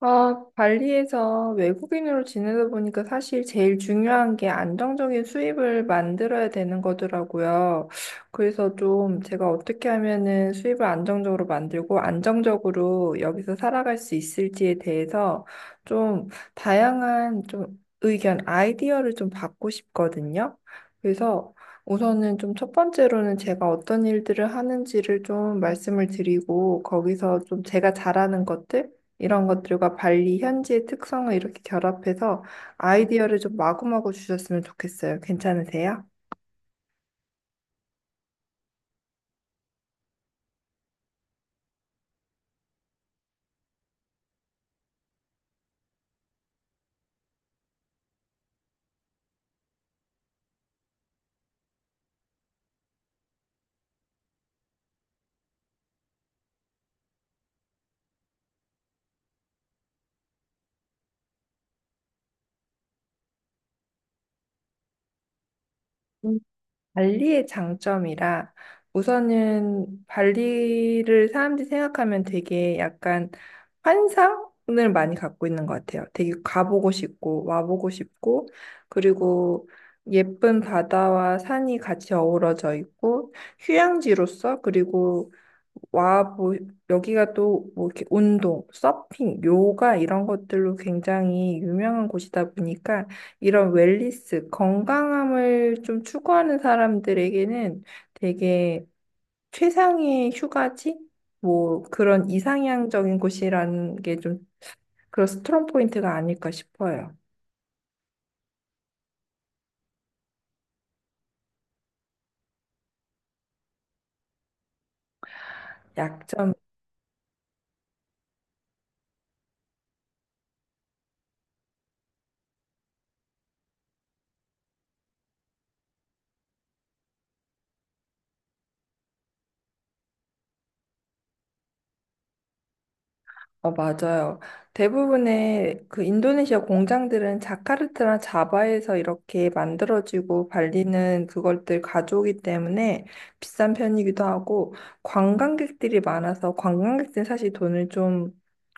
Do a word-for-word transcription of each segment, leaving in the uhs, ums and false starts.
아, 발리에서 외국인으로 지내다 보니까 사실 제일 중요한 게 안정적인 수입을 만들어야 되는 거더라고요. 그래서 좀 제가 어떻게 하면은 수입을 안정적으로 만들고 안정적으로 여기서 살아갈 수 있을지에 대해서 좀 다양한 좀 의견, 아이디어를 좀 받고 싶거든요. 그래서 우선은 좀 첫 번째로는 제가 어떤 일들을 하는지를 좀 말씀을 드리고 거기서 좀 제가 잘하는 것들 이런 것들과 발리 현지의 특성을 이렇게 결합해서 아이디어를 좀 마구마구 주셨으면 좋겠어요. 괜찮으세요? 음. 발리의 장점이라. 우선은 발리를 사람들이 생각하면 되게 약간 환상을 많이 갖고 있는 것 같아요. 되게 가보고 싶고 와보고 싶고, 그리고 예쁜 바다와 산이 같이 어우러져 있고 휴양지로서, 그리고 와, 뭐, 여기가 또, 뭐, 이렇게 운동, 서핑, 요가 이런 것들로 굉장히 유명한 곳이다 보니까 이런 웰니스, 건강함을 좀 추구하는 사람들에게는 되게 최상의 휴가지? 뭐, 그런 이상향적인 곳이라는 게 좀 그런 스트롱 포인트가 아닐까 싶어요. 약점. 어, 맞아요. 대부분의 그 인도네시아 공장들은 자카르타나 자바에서 이렇게 만들어지고 발리는 그것들 가져오기 때문에 비싼 편이기도 하고, 관광객들이 많아서 관광객들은 사실 돈을 좀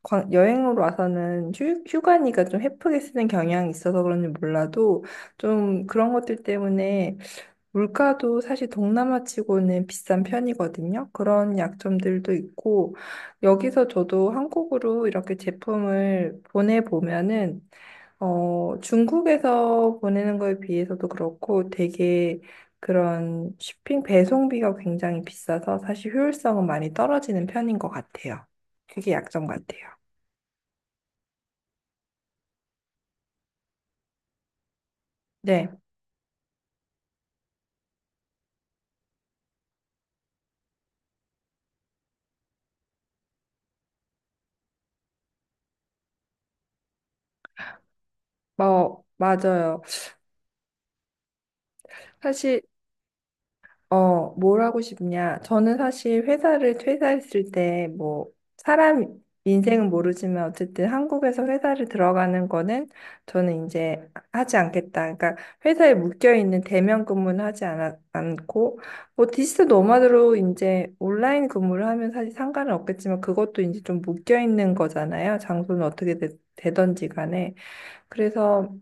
관- 여행으로 와서는 휴, 휴가니까 좀 헤프게 쓰는 경향이 있어서 그런지 몰라도 좀 그런 것들 때문에 물가도 사실 동남아 치고는 비싼 편이거든요. 그런 약점들도 있고, 여기서 저도 한국으로 이렇게 제품을 보내보면은, 어, 중국에서 보내는 거에 비해서도 그렇고 되게 그런 쇼핑 배송비가 굉장히 비싸서 사실 효율성은 많이 떨어지는 편인 것 같아요. 그게 약점 같아요. 네, 뭐, 맞아요. 사실 어, 뭘 하고 싶냐? 저는 사실 회사를 퇴사했을 때, 뭐, 사람 인생은 모르지만 어쨌든 한국에서 회사를 들어가는 거는 저는 이제 하지 않겠다. 그러니까 회사에 묶여있는 대면 근무는 하지 않 않고, 뭐, 디지털 노마드로 이제 온라인 근무를 하면 사실 상관은 없겠지만 그것도 이제 좀 묶여있는 거잖아요. 장소는 어떻게 되, 든지 간에. 그래서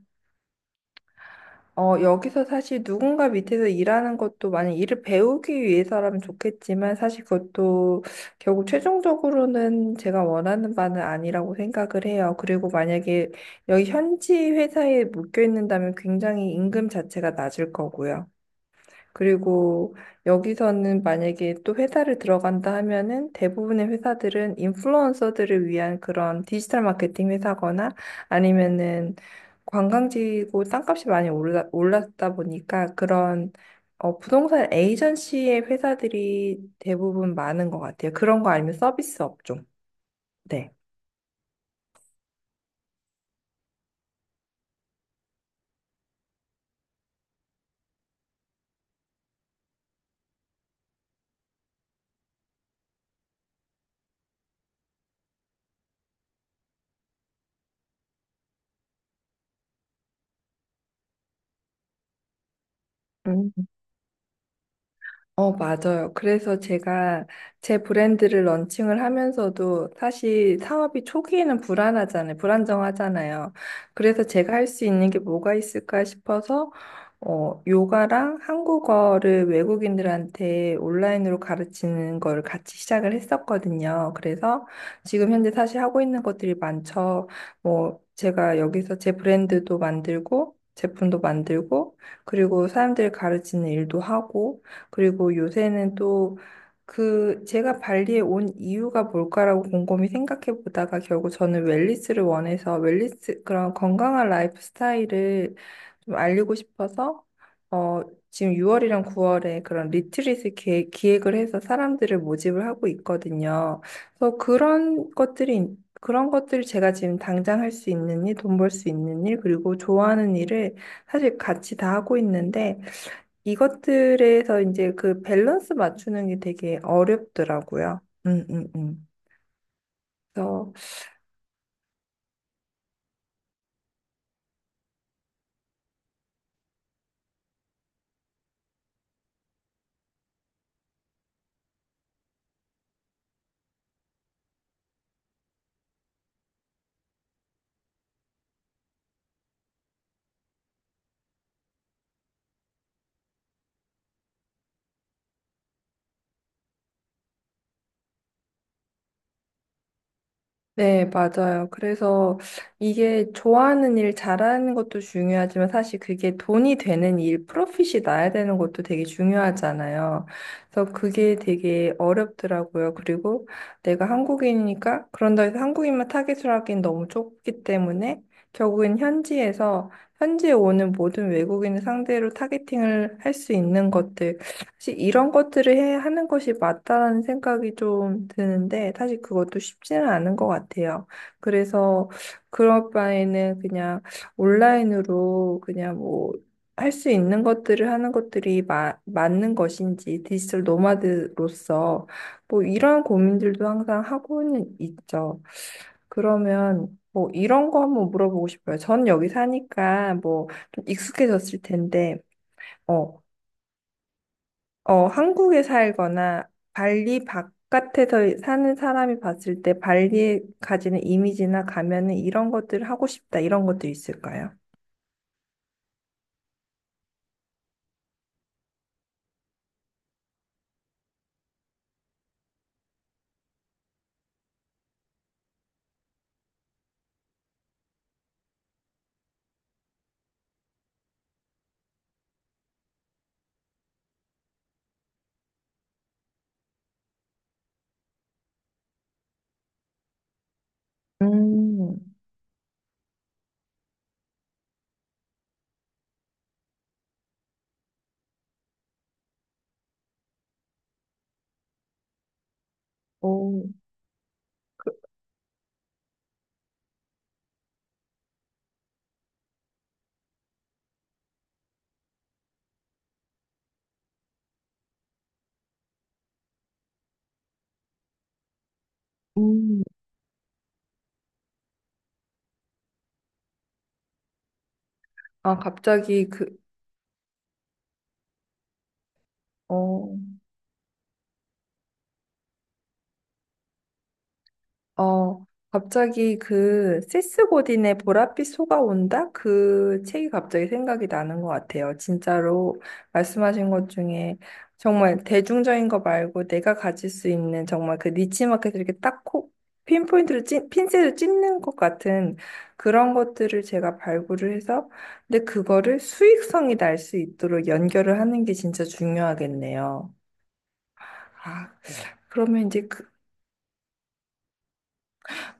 어, 여기서 사실 누군가 밑에서 일하는 것도 만약 일을 배우기 위해서라면 좋겠지만 사실 그것도 결국 최종적으로는 제가 원하는 바는 아니라고 생각을 해요. 그리고 만약에 여기 현지 회사에 묶여 있는다면 굉장히 임금 자체가 낮을 거고요. 그리고 여기서는 만약에 또 회사를 들어간다 하면은 대부분의 회사들은 인플루언서들을 위한 그런 디지털 마케팅 회사거나 아니면은 관광지고 땅값이 많이 올라, 올랐다 보니까 그런 어, 부동산 에이전시의 회사들이 대부분 많은 것 같아요. 그런 거 아니면 서비스 업종. 네. 어, 맞아요. 그래서 제가 제 브랜드를 런칭을 하면서도 사실 사업이 초기에는 불안하잖아요. 불안정하잖아요. 그래서 제가 할 수 있는 게 뭐가 있을까 싶어서 어, 요가랑 한국어를 외국인들한테 온라인으로 가르치는 걸 같이 시작을 했었거든요. 그래서 지금 현재 사실 하고 있는 것들이 많죠. 뭐 제가 여기서 제 브랜드도 만들고 제품도 만들고, 그리고 사람들 가르치는 일도 하고, 그리고 요새는 또 그 제가 발리에 온 이유가 뭘까라고 곰곰이 생각해 보다가 결국 저는 웰니스를 원해서, 웰니스 그런 건강한 라이프 스타일을 좀 알리고 싶어서 어 지금 유월이랑 구월에 그런 리트릿을 기획, 기획을 해서 사람들을 모집을 하고 있거든요. 그래서 그런 것들이 그런 것들을 제가 지금 당장 할 수 있는 일, 돈벌 수 있는 일, 그리고 좋아하는 일을 사실 같이 다 하고 있는데 이것들에서 이제 그 밸런스 맞추는 게 되게 어렵더라고요. 음, 음, 음. 그래서 네, 맞아요. 그래서 이게 좋아하는 일 잘하는 것도 중요하지만 사실 그게 돈이 되는 일, 프로핏이 나야 되는 것도 되게 중요하잖아요. 그래서 그게 되게 어렵더라고요. 그리고 내가 한국인이니까 그런다 해서 한국인만 타겟으로 하기엔 너무 좁기 때문에 결국엔 현지에서 현지에 오는 모든 외국인을 상대로 타겟팅을 할 수 있는 것들 사실 이런 것들을 해, 하는 것이 맞다라는 생각이 좀 드는데, 사실 그것도 쉽지는 않은 것 같아요. 그래서 그럴 바에는 그냥 온라인으로 그냥 뭐, 할 수 있는 것들을 하는 것들이 마, 맞는 것인지, 디지털 노마드로서, 뭐, 이런 고민들도 항상 하고는 있죠. 그러면, 뭐, 이런 거 한번 물어보고 싶어요. 전 여기 사니까, 뭐, 좀 익숙해졌을 텐데, 어, 어, 한국에 살거나 발리 바깥에서 사는 사람이 봤을 때 발리에 가지는 이미지나 가면은 이런 것들 하고 싶다 이런 것도 있을까요? 음, 오, 음. 아, 갑자기 그, 어, 어, 갑자기 그 세스 고딘의 보랏빛 소가 온다? 그 책이 갑자기 생각이 나는 것 같아요. 진짜로 말씀하신 것 중에 정말 대중적인 거 말고 내가 가질 수 있는 정말 그 니치마켓을 이렇게 딱 콕, 핀포인트로 찐, 핀셋을 찝는 것 같은 그런 것들을 제가 발굴을 해서, 근데 그거를 수익성이 날 수 있도록 연결을 하는 게 진짜 중요하겠네요. 아, 그러면 이제 그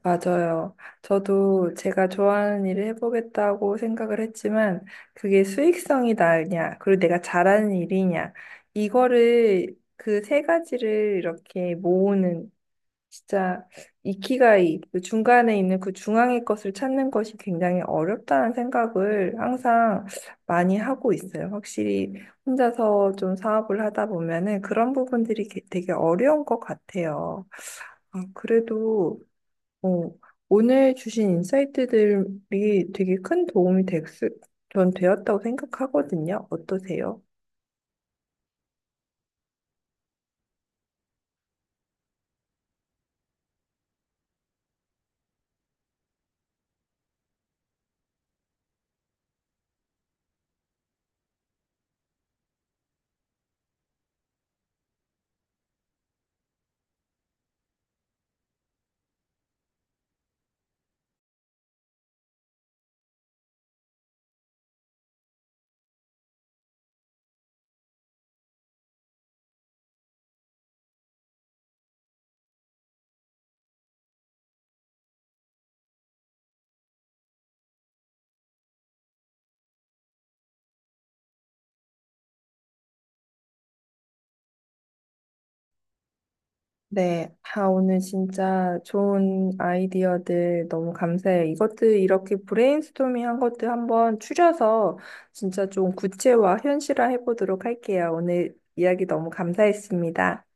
맞아요. 저도 제가 좋아하는 일을 해보겠다고 생각을 했지만, 그게 수익성이 나으냐, 그리고 내가 잘하는 일이냐, 이거를, 그 세 가지를 이렇게 모으는, 진짜, 이키가이, 그 중간에 있는 그 중앙의 것을 찾는 것이 굉장히 어렵다는 생각을 항상 많이 하고 있어요. 확실히 혼자서 좀 사업을 하다 보면은 그런 부분들이 게- 되게 어려운 것 같아요. 아, 그래도, 어, 오늘 주신 인사이트들이 되게 큰 도움이 됐, 전 되었다고 생각하거든요. 어떠세요? 네, 아, 오늘 진짜 좋은 아이디어들 너무 감사해요. 이것들 이렇게 브레인스토밍 한 것들 한번 추려서 진짜 좀 구체화, 현실화 해보도록 할게요. 오늘 이야기 너무 감사했습니다.